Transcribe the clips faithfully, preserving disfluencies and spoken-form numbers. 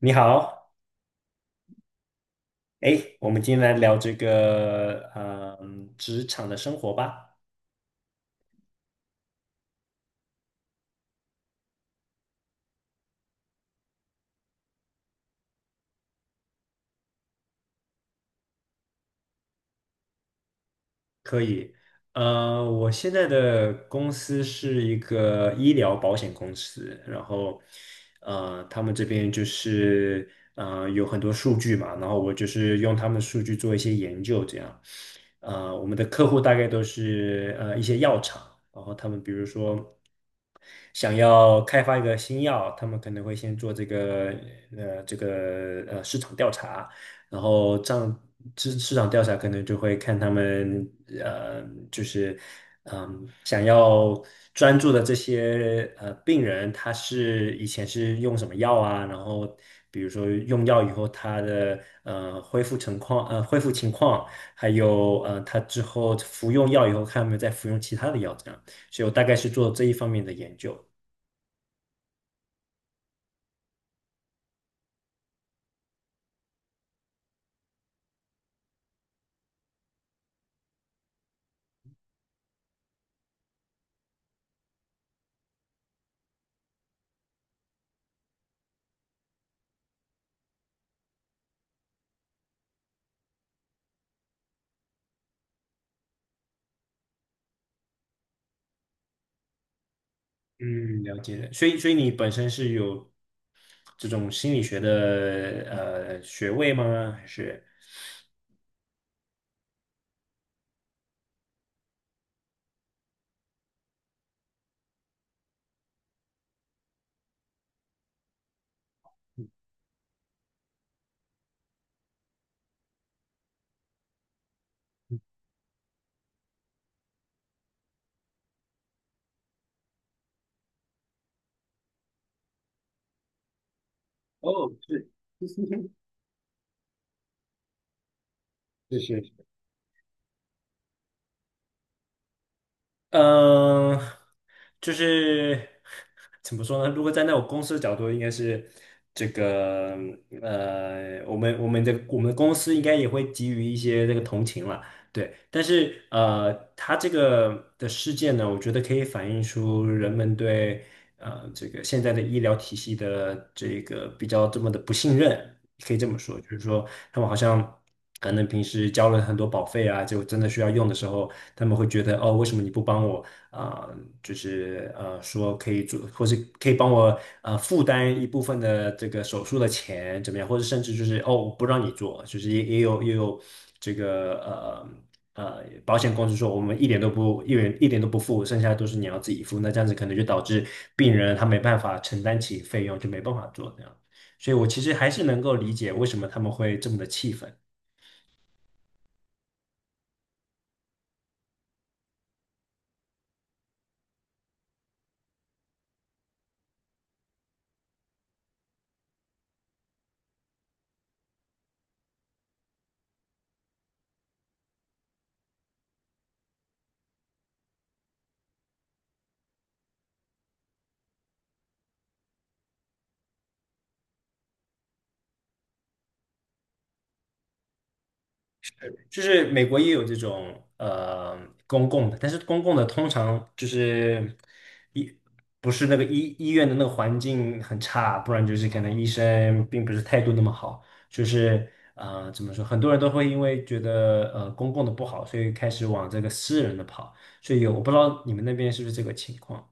你好，哎，我们今天来聊这个，嗯，职场的生活吧，可以。呃，我现在的公司是一个医疗保险公司，然后，呃，他们这边就是，呃，有很多数据嘛，然后我就是用他们数据做一些研究，这样。呃，我们的客户大概都是呃一些药厂，然后他们比如说，想要开发一个新药，他们可能会先做这个呃这个呃市场调查，然后这样市市场调查可能就会看他们呃就是嗯想要专注的这些呃病人，他是以前是用什么药啊，然后。比如说用药以后，他的呃恢复情况，呃恢复情况，还有呃他之后服用药以后，看有没有再服用其他的药，这样。所以我大概是做这一方面的研究。嗯，了解了。所以，所以你本身是有这种心理学的呃学位吗？还是？哦，是是，嗯，就是怎么说呢？如果站在我公司的角度，应该是这个呃，我们我们的我们的公司应该也会给予一些这个同情了，对。但是呃，他这个的事件呢，我觉得可以反映出人们对呃这个现在的医疗体系的这个比较这么的不信任，可以这么说，就是说他们好像可能平时交了很多保费啊，就真的需要用的时候。他们会觉得哦，为什么你不帮我啊、就是呃，说可以做，或是可以帮我呃负担一部分的这个手术的钱怎么样？或者甚至就是哦，我不让你做，就是也也有也有这个呃呃保险公司说我们一点都不一元一点都不付，剩下都是你要自己付。那这样子可能就导致病人他没办法承担起费用，就没办法做这样。所以我其实还是能够理解为什么他们会这么的气愤。就是美国也有这种呃公共的，但是公共的通常就是医不是那个医医院的那个环境很差，不然就是可能医生并不是态度那么好，就是呃怎么说，很多人都会因为觉得呃公共的不好，所以开始往这个私人的跑，所以有我不知道你们那边是不是这个情况。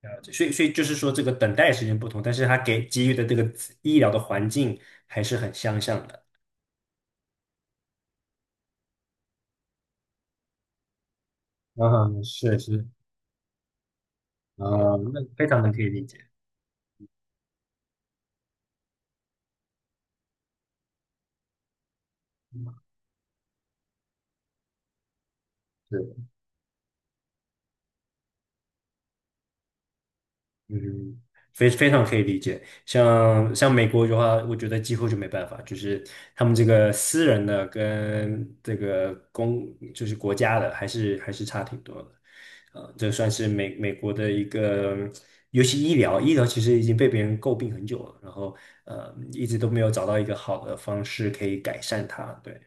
了解，所以所以就是说，这个等待时间不同，但是他给给予的这个医疗的环境还是很相像的。嗯，是是，啊，那非常的可以理解，对，嗯，非非常可以理解。像像美国的话，我觉得几乎就没办法，就是他们这个私人的跟这个公，就是国家的，还是还是差挺多的。呃，这算是美美国的一个，尤其医疗，医疗其实已经被别人诟病很久了，然后呃，一直都没有找到一个好的方式可以改善它，对。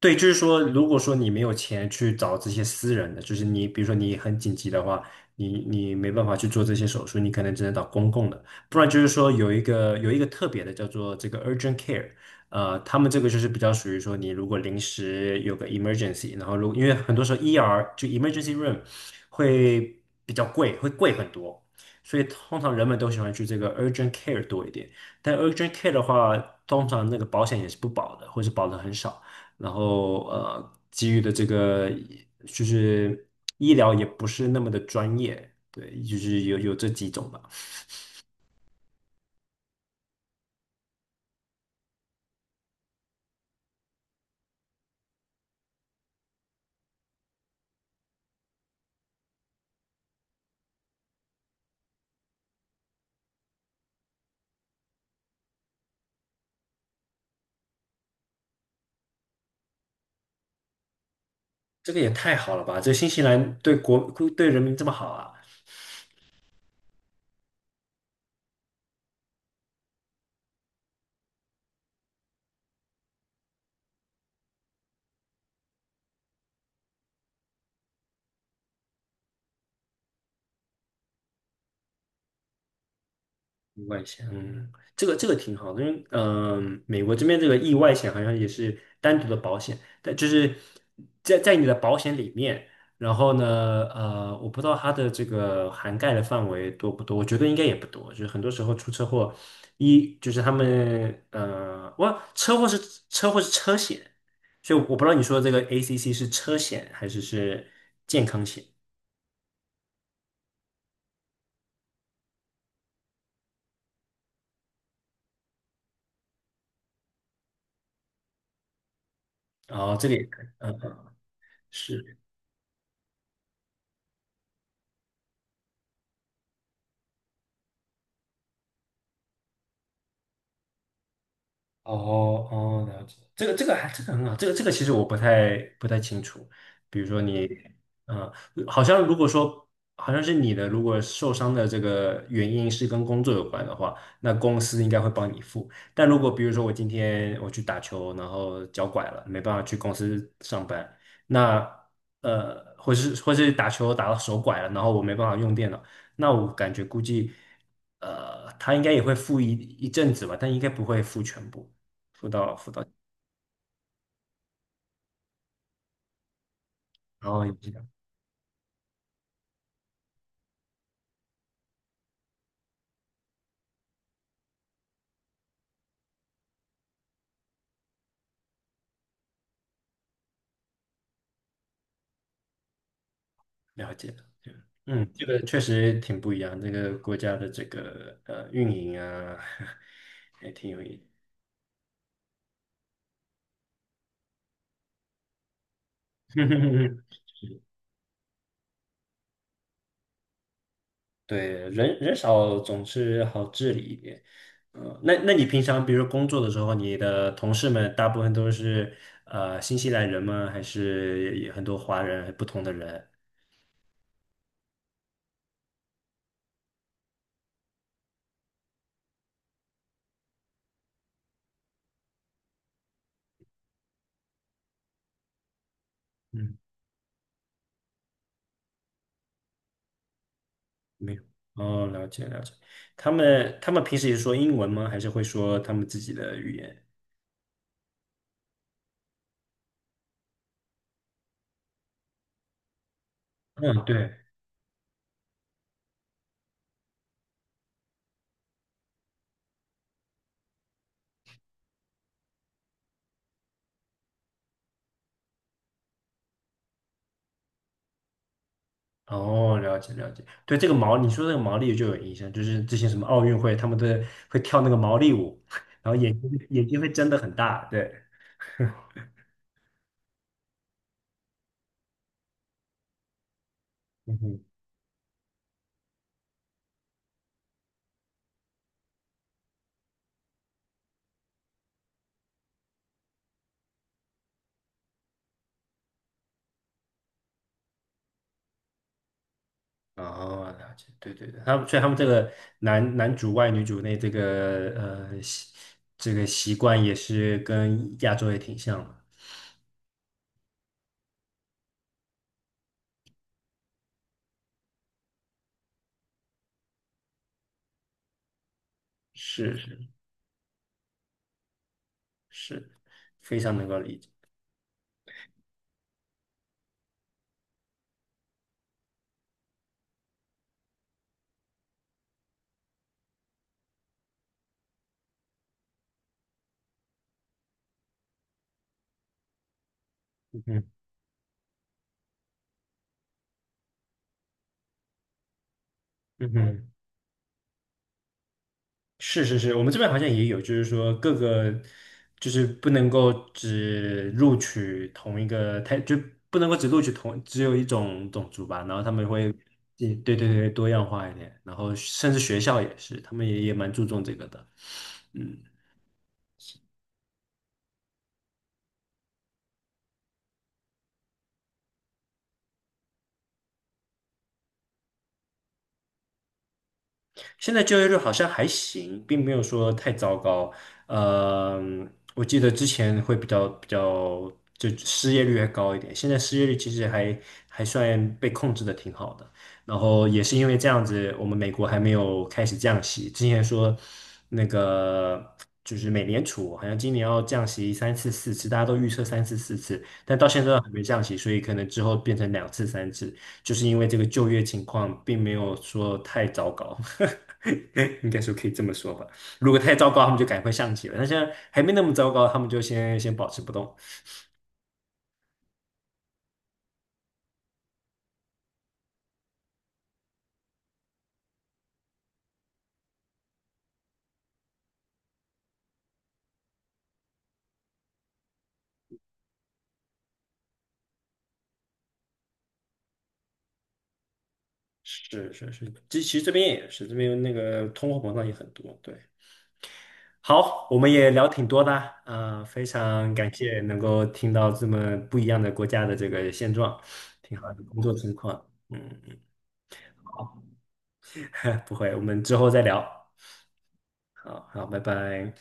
对，就是说，如果说你没有钱去找这些私人的，就是你，比如说你很紧急的话，你你没办法去做这些手术，你可能只能找公共的，不然就是说有一个有一个特别的叫做这个 urgent care，呃，他们这个就是比较属于说你如果临时有个 emergency，然后如因为很多时候 E R 就 emergency room 会比较贵，会贵很多，所以通常人们都喜欢去这个 urgent care 多一点，但 urgent care 的话，通常那个保险也是不保的，或是保的很少。然后呃，给予的这个就是医疗也不是那么的专业，对，就是有有这几种吧。这个也太好了吧！这新西兰对国对人民这么好啊！意外险，嗯，这个这个挺好的，因为嗯、呃美国这边这个意外险好像也是单独的保险，但就是在在你的保险里面，然后呢，呃，我不知道它的这个涵盖的范围多不多，我觉得应该也不多，就是很多时候出车祸，一就是他们呃，我车祸是车祸是车险，所以我不知道你说的这个 A C C 是车险还是是健康险，然后这个也可以，嗯，是。哦哦，了解，这个这个还这个很好，这个这个其实我不太不太清楚。比如说你，嗯、好像如果说好像是你的，如果受伤的这个原因是跟工作有关的话，那公司应该会帮你付。但如果比如说我今天我去打球，然后脚拐了，没办法去公司上班，那呃，或是或是打球打到手拐了，然后我没办法用电脑，那我感觉估计呃，他应该也会付一一阵子吧，但应该不会付全部。辅导辅导，然后也是了解，对，嗯，这个确实挺不一样，这个国家的这个呃运营啊，也挺有意思。对，人人少总是好治理一点。呃，那那你平常比如工作的时候，你的同事们大部分都是呃新西兰人吗？还是也很多华人不同的人？嗯，没有。哦，了解了解。他们他们平时也说英文吗？还是会说他们自己的语言？嗯，对。哦，了解了解，对这个毛，你说这个毛利就有影响，就是之前什么奥运会，他们都会跳那个毛利舞，然后眼睛眼睛会睁得很大，对，嗯哼，哦，了解，对对对，他们所以他们这个男男主外女主内这个呃习这个习惯也是跟亚洲也挺像的，是是是，非常能够理解，嗯哼嗯哼。是是是，我们这边好像也有，就是说各个就是不能够只录取同一个，太，就不能够只录取同只有一种种族吧，然后他们会，对对对，多样化一点，然后甚至学校也是，他们也也蛮注重这个的，嗯。现在就业率好像还行，并没有说太糟糕。呃，我记得之前会比较比较，就失业率还高一点，现在失业率其实还还算被控制的挺好的。然后也是因为这样子，我们美国还没有开始降息。之前说那个就是美联储好像今年要降息三次四次，大家都预测三次四次，但到现在都还没降息，所以可能之后变成两次三次。就是因为这个就业情况并没有说太糟糕，应该说可以这么说吧。如果太糟糕，他们就赶快上去了。那现在还没那么糟糕，他们就先先保持不动。是是是，这其实这边也是，这边那个通货膨胀也很多。对，好，我们也聊挺多的啊，呃非常感谢能够听到这么不一样的国家的这个现状，挺好的工作情况。嗯，好，不会，我们之后再聊。好好，拜拜。